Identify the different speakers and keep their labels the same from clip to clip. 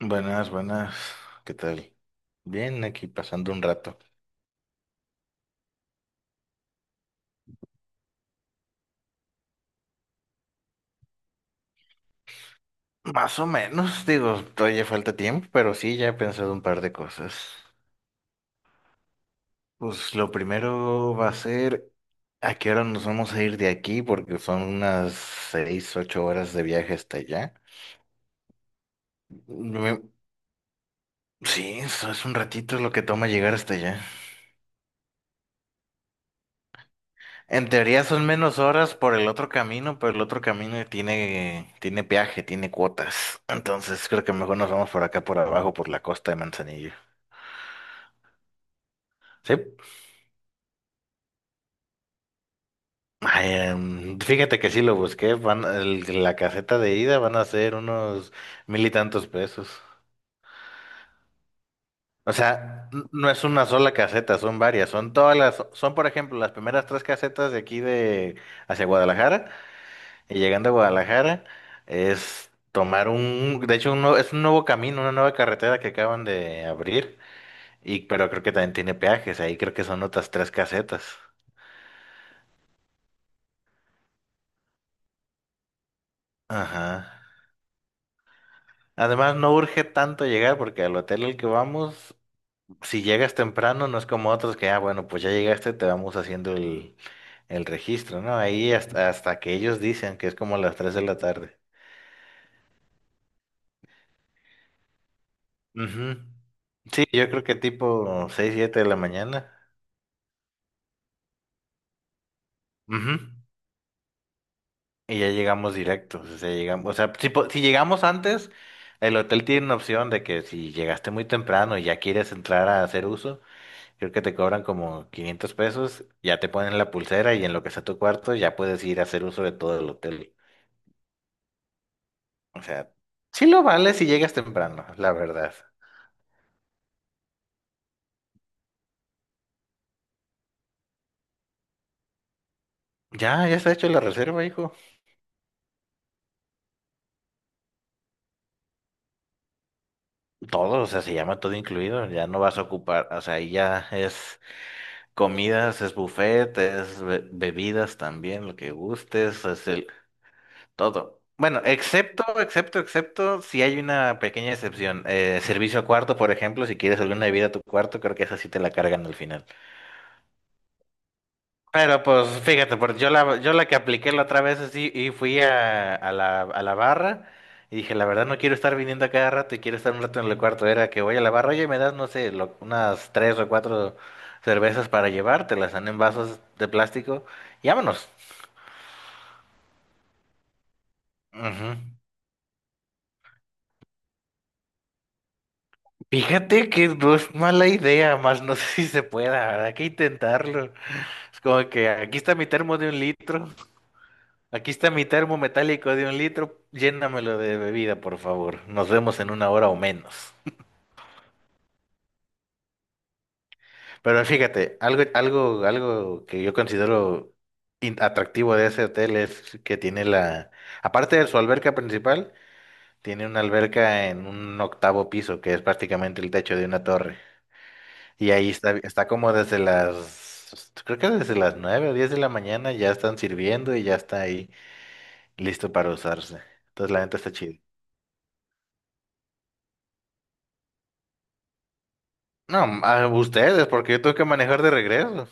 Speaker 1: Buenas, buenas. ¿Qué tal? Bien, aquí pasando un rato. Más o menos, digo, todavía falta tiempo, pero sí, ya he pensado un par de cosas. Pues lo primero va a ser a qué hora nos vamos a ir de aquí, porque son unas 6, 8 horas de viaje hasta allá. Me- Sí, eso es un ratito lo que toma llegar hasta allá. En teoría son menos horas por el otro camino, pero el otro camino tiene peaje, tiene cuotas. Entonces creo que mejor nos vamos por acá, por abajo, por la costa de Manzanillo. Sí. Ay, fíjate que sí lo busqué. La caseta de ida van a ser unos mil y tantos pesos. O sea, no es una sola caseta, son varias. Son por ejemplo las primeras tres casetas de aquí de hacia Guadalajara. Y llegando a Guadalajara es tomar de hecho es un nuevo camino, una nueva carretera que acaban de abrir, y pero creo que también tiene peajes, ahí creo que son otras tres casetas. Ajá. Además no urge tanto llegar porque al hotel al que vamos, si llegas temprano no es como otros que, ah, bueno, pues ya llegaste, te vamos haciendo el registro, ¿no? Ahí hasta que ellos dicen que es como las 3 de la tarde. Ujú. Sí, yo creo que tipo 6, 7 de la mañana. Ujú. Y ya llegamos directos, o sea, llegamos, o sea, si llegamos antes, el hotel tiene una opción de que si llegaste muy temprano y ya quieres entrar a hacer uso, creo que te cobran como 500 pesos, ya te ponen la pulsera y en lo que sea tu cuarto ya puedes ir a hacer uso de todo el hotel. O sea, sí lo vale si llegas temprano, la verdad. Ya, ya está hecho la reserva, hijo. Todo, o sea, se llama todo incluido, ya no vas a ocupar, o sea, ahí ya es comidas, es buffet, es bebidas también, lo que gustes. Todo. Bueno, excepto, si hay una pequeña excepción. Servicio a cuarto, por ejemplo, si quieres alguna bebida a tu cuarto, creo que esa sí te la cargan al final. Pero pues fíjate, porque yo la que apliqué la otra vez así y fui a la barra y dije, la verdad no quiero estar viniendo a cada rato y quiero estar un rato en el cuarto. Era que voy a la barra, oye, me das, no sé, unas tres o cuatro cervezas para llevar, te las dan en vasos de plástico y vámonos. Ujú. Fíjate que no es mala idea, más no sé si se pueda, ¿verdad? Hay que intentarlo. Es como que aquí está mi termo de 1 litro, aquí está mi termo metálico de 1 litro, llénamelo de bebida, por favor. Nos vemos en 1 hora o menos. Pero fíjate, algo que yo considero atractivo de ese hotel es que tiene aparte de su alberca principal, tiene una alberca en un octavo piso, que es prácticamente el techo de una torre. Y ahí está como creo que desde las 9 o 10 de la mañana ya están sirviendo y ya está ahí listo para usarse. Entonces la neta está chido. No, a ustedes, porque yo tengo que manejar de regreso.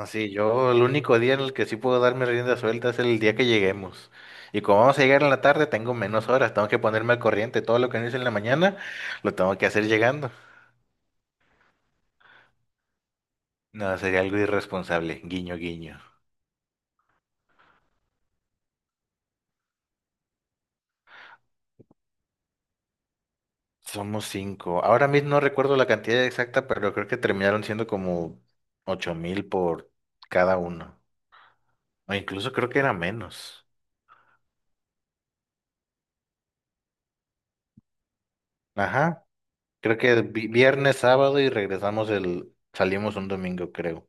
Speaker 1: Así, yo el único día en el que sí puedo darme rienda suelta es el día que lleguemos. Y como vamos a llegar en la tarde, tengo menos horas, tengo que ponerme al corriente. Todo lo que no hice en la mañana, lo tengo que hacer llegando. No, sería algo irresponsable. Guiño, guiño. Somos cinco. Ahora mismo no recuerdo la cantidad exacta, pero creo que terminaron siendo como 8,000 por cada uno. O incluso creo que era menos. Ajá. Creo que viernes, sábado y salimos un domingo, creo.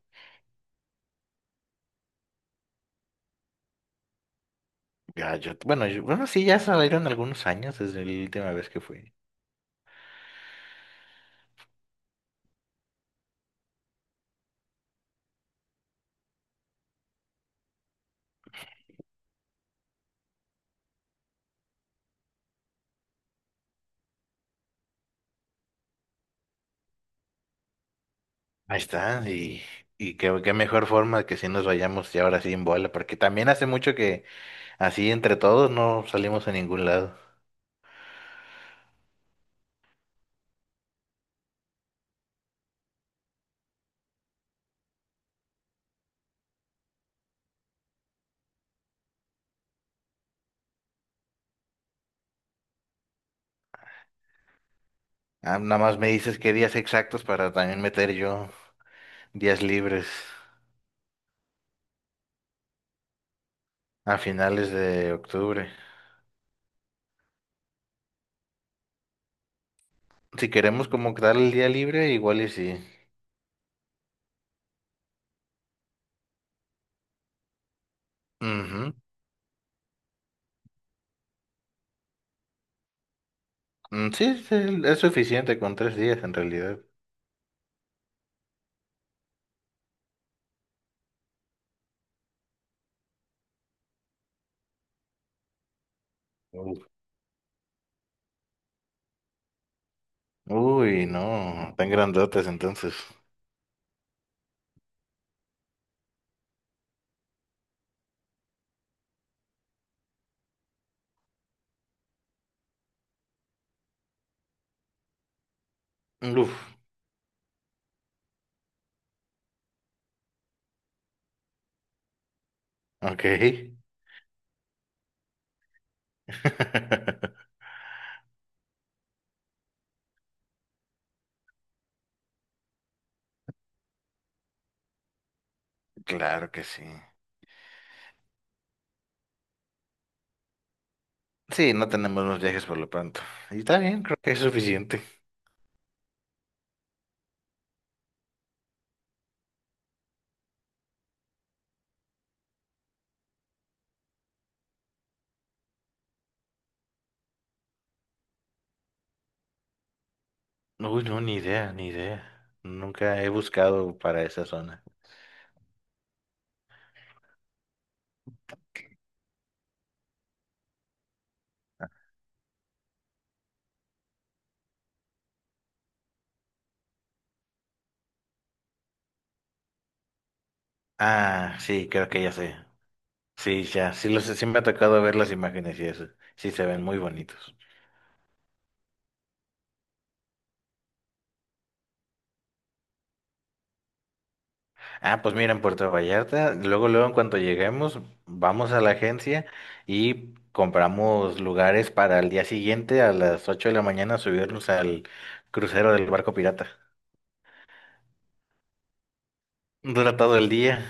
Speaker 1: Ya, yo, bueno, sí, ya salieron algunos años desde la última vez que fui. Ahí está, y qué mejor forma que si nos vayamos ya ahora sí en bola, porque también hace mucho que así entre todos no salimos a ningún lado. Ah, nada más me dices qué días exactos para también meter yo días libres a finales de octubre. Si queremos como dar el día libre, igual y sí. Ujú. Mm, sí, sí, es suficiente con 3 días en realidad. Uf. Uy, no, tan grandotes entonces. Uf, ok. Claro que sí. Sí, no tenemos más viajes por lo pronto. Y está bien, creo que es suficiente. Uy, no, ni idea, ni idea. Nunca he buscado para esa zona. Ah, sí, creo que ya sé. Sí, ya, sí, me ha tocado ver las imágenes y eso. Sí, se ven muy bonitos. Ah, pues mira, en Puerto Vallarta, luego, luego, en cuanto lleguemos, vamos a la agencia y compramos lugares para el día siguiente a las 8 de la mañana subirnos al crucero del barco pirata. Dura todo el día.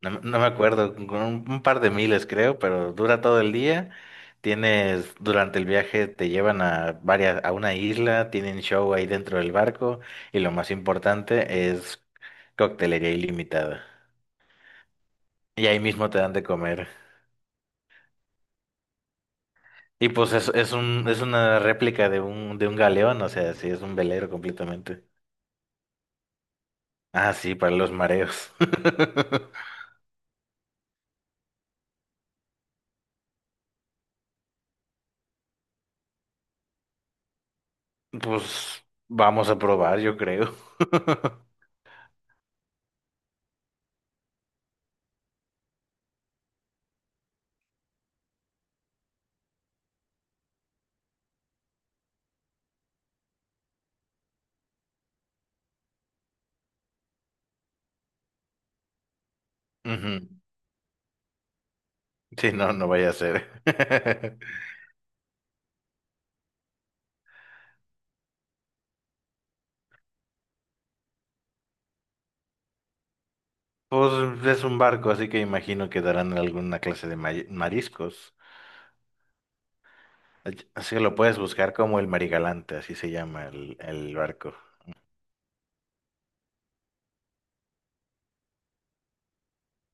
Speaker 1: No, me no me acuerdo, con un par de miles creo, pero dura todo el día. Durante el viaje te llevan a varias, a una isla, tienen show ahí dentro del barco y lo más importante es coctelería ilimitada. Y ahí mismo te dan de comer. Y pues es una réplica de un galeón, o sea, sí, es un velero completamente. Ah, sí, para los mareos. Pues vamos a probar, yo creo. Ujú. Sí, no, no vaya a ser. Pues es un barco, así que imagino que darán alguna clase de mariscos. Así que lo puedes buscar como el Marigalante, así se llama el barco.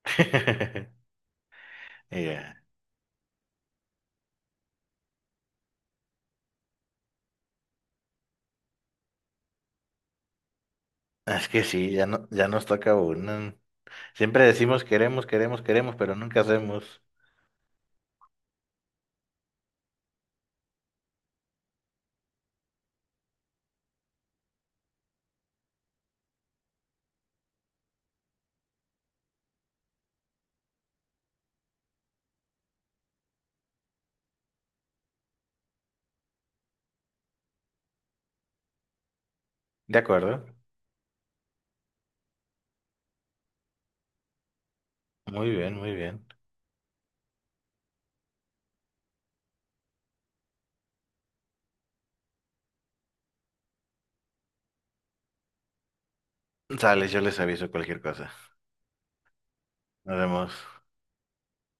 Speaker 1: Ya. Es que sí, ya no, ya nos toca uno. Siempre decimos queremos, queremos, queremos, pero nunca hacemos. ¿De acuerdo? Muy bien, muy bien. Sale, yo les aviso cualquier cosa. Nos vemos.